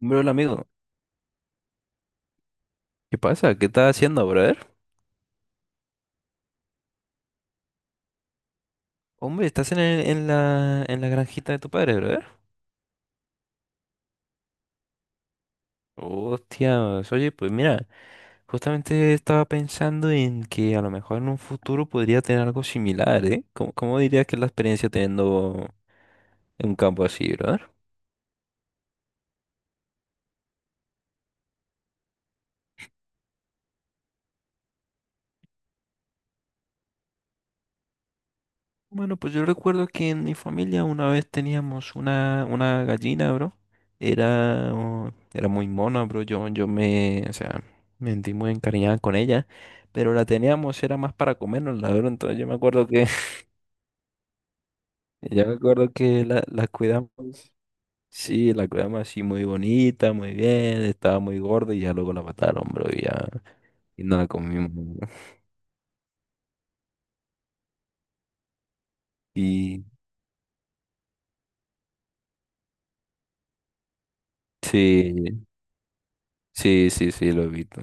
Hombre, hola amigo, ¿qué pasa? ¿Qué estás haciendo, brother? Hombre, estás en, en la granjita de tu padre, brother. Hostia, oye, pues mira, justamente estaba pensando en que a lo mejor en un futuro podría tener algo similar, ¿eh? ¿Cómo dirías que es la experiencia teniendo un campo así, brother? Bueno, pues yo recuerdo que en mi familia una vez teníamos una gallina, bro. Era, oh, era muy mona, bro. Yo me, o sea, me sentí muy encariñada con ella. Pero la teníamos, era más para comernos, la verdad. Entonces yo me acuerdo que, yo me acuerdo que la cuidamos. Sí, la cuidamos así muy bonita, muy bien. Estaba muy gorda y ya luego la mataron, bro. Y ya, y no la comimos. Bro. Y sí, sí, sí, sí, lo he visto.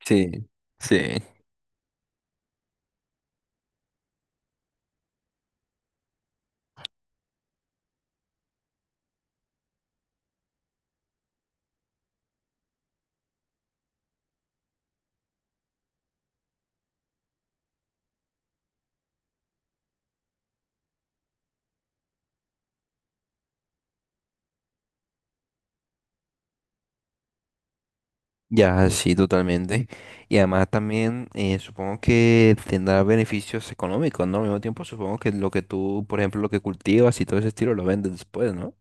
Sí, sí. Ya, sí, totalmente. Y además también supongo que tendrá beneficios económicos, ¿no? Al mismo tiempo supongo que lo que tú, por ejemplo, lo que cultivas y todo ese estilo lo vendes después, ¿no?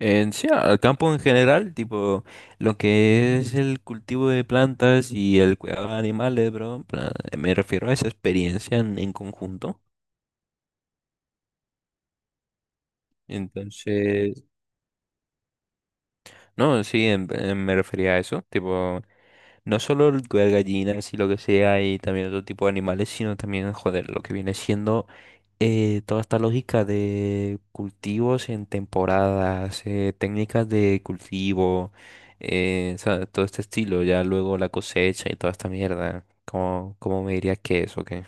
En sí, al campo en general, tipo lo que es el cultivo de plantas y el cuidado de animales, bro, en plan, me refiero a esa experiencia en conjunto. Entonces, no, sí, me refería a eso, tipo... No solo cuidar gallinas y lo que sea, y también otro tipo de animales, sino también, joder, lo que viene siendo toda esta lógica de cultivos en temporadas, técnicas de cultivo, o sea, todo este estilo, ya luego la cosecha y toda esta mierda. ¿Cómo me dirías que es o qué?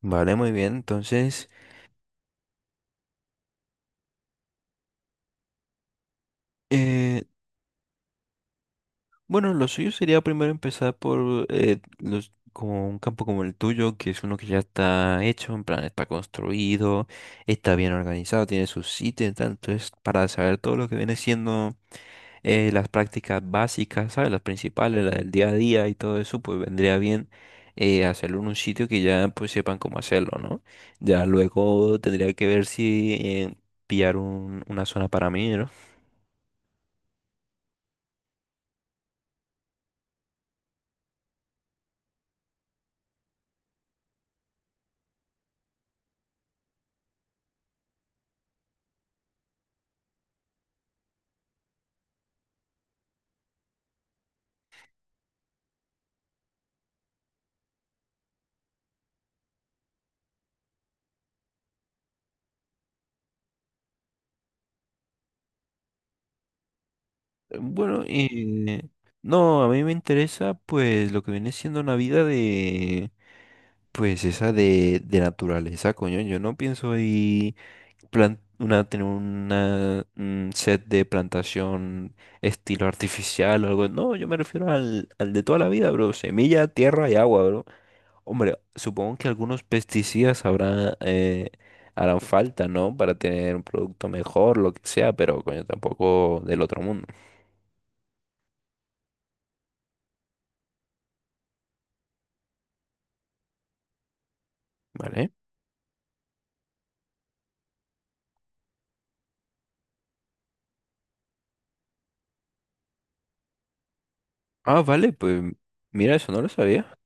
Vale, muy bien. Entonces, bueno, lo suyo sería primero empezar por los, como un campo como el tuyo, que es uno que ya está hecho, en plan está construido, está bien organizado, tiene su sitio y tal. Entonces, para saber todo lo que viene siendo las prácticas básicas, ¿sabes? Las principales, las del día a día y todo eso, pues vendría bien hacerlo en un sitio que ya pues sepan cómo hacerlo, ¿no? Ya luego tendría que ver si pillar una zona para mí, ¿no? Bueno, no, a mí me interesa pues lo que viene siendo una vida de, pues esa de naturaleza, coño. Yo no pienso ahí una, tener una, un set de plantación estilo artificial o algo. No, yo me refiero al, al de toda la vida, bro. Semilla, tierra y agua, bro. Hombre, supongo que algunos pesticidas habrá, harán falta, ¿no? Para tener un producto mejor, lo que sea, pero coño, tampoco del otro mundo, ¿vale? Ah, vale, pues mira, eso no lo sabía.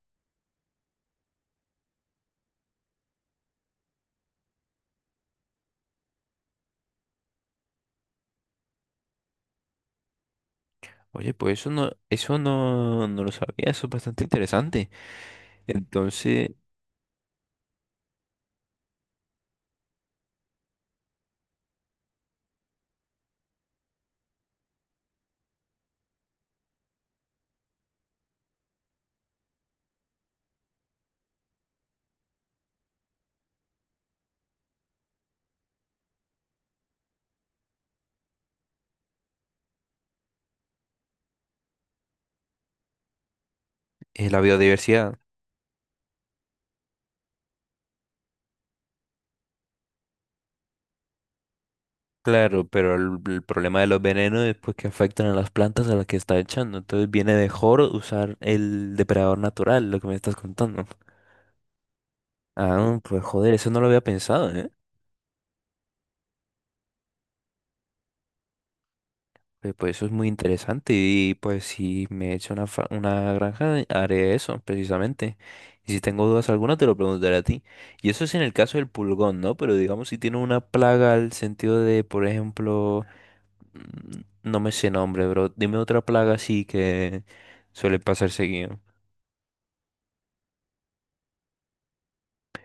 Oye, pues eso no, no lo sabía, eso es bastante interesante. Entonces, es la biodiversidad, claro, pero el problema de los venenos es pues que afectan a las plantas a las que está echando. Entonces viene mejor usar el depredador natural, lo que me estás contando. Ah, pues joder, eso no lo había pensado, ¿eh? Pues, pues eso es muy interesante y pues si me echo una, una granja haré eso precisamente. Y si tengo dudas alguna te lo preguntaré a ti. Y eso es en el caso del pulgón, ¿no? Pero digamos si tiene una plaga al sentido de, por ejemplo, mm, no me sé nombre, bro. Dime otra plaga así que suele pasar seguido.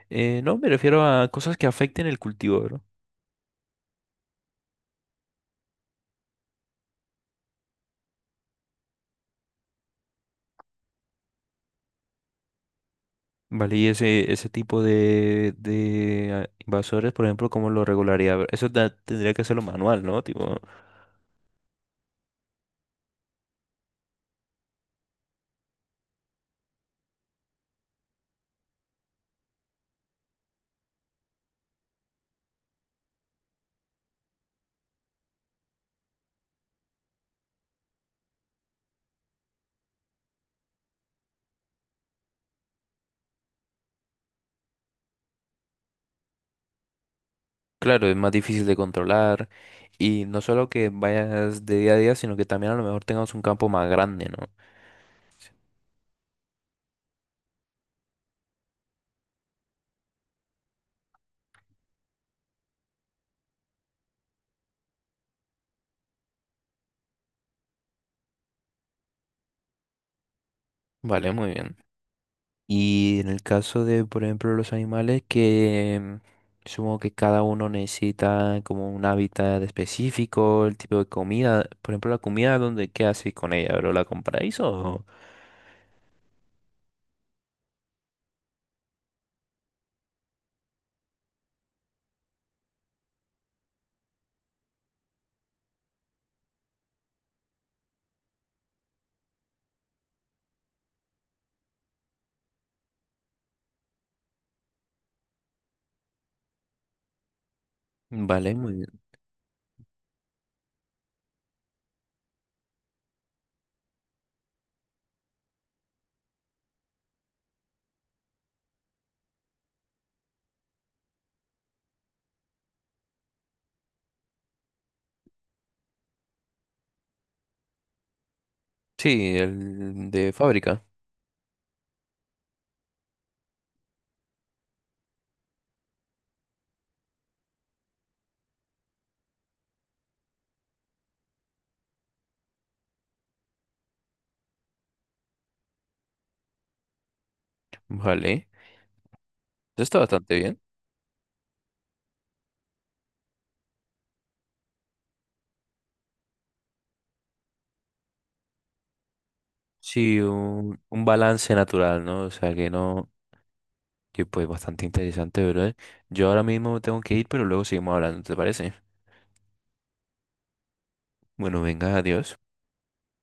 No, me refiero a cosas que afecten el cultivo, bro. Vale, y ese tipo de invasores, por ejemplo, ¿cómo lo regularía? Eso tendría que hacerlo manual, ¿no? Tipo... Claro, es más difícil de controlar y no solo que vayas de día a día, sino que también a lo mejor tengas un campo más grande, ¿no? Sí. Vale, muy bien. Y en el caso de, por ejemplo, los animales que supongo que cada uno necesita como un hábitat específico, el tipo de comida, por ejemplo, la comida, ¿dónde qué hacéis con ella, bro? ¿La compráis o...? Vale, muy bien. Sí, el de fábrica. Vale. Eso está bastante bien. Sí, un balance natural, ¿no? O sea, que no... Y pues bastante interesante, ¿verdad? Yo ahora mismo tengo que ir, pero luego seguimos hablando, ¿te parece? Bueno, venga, adiós.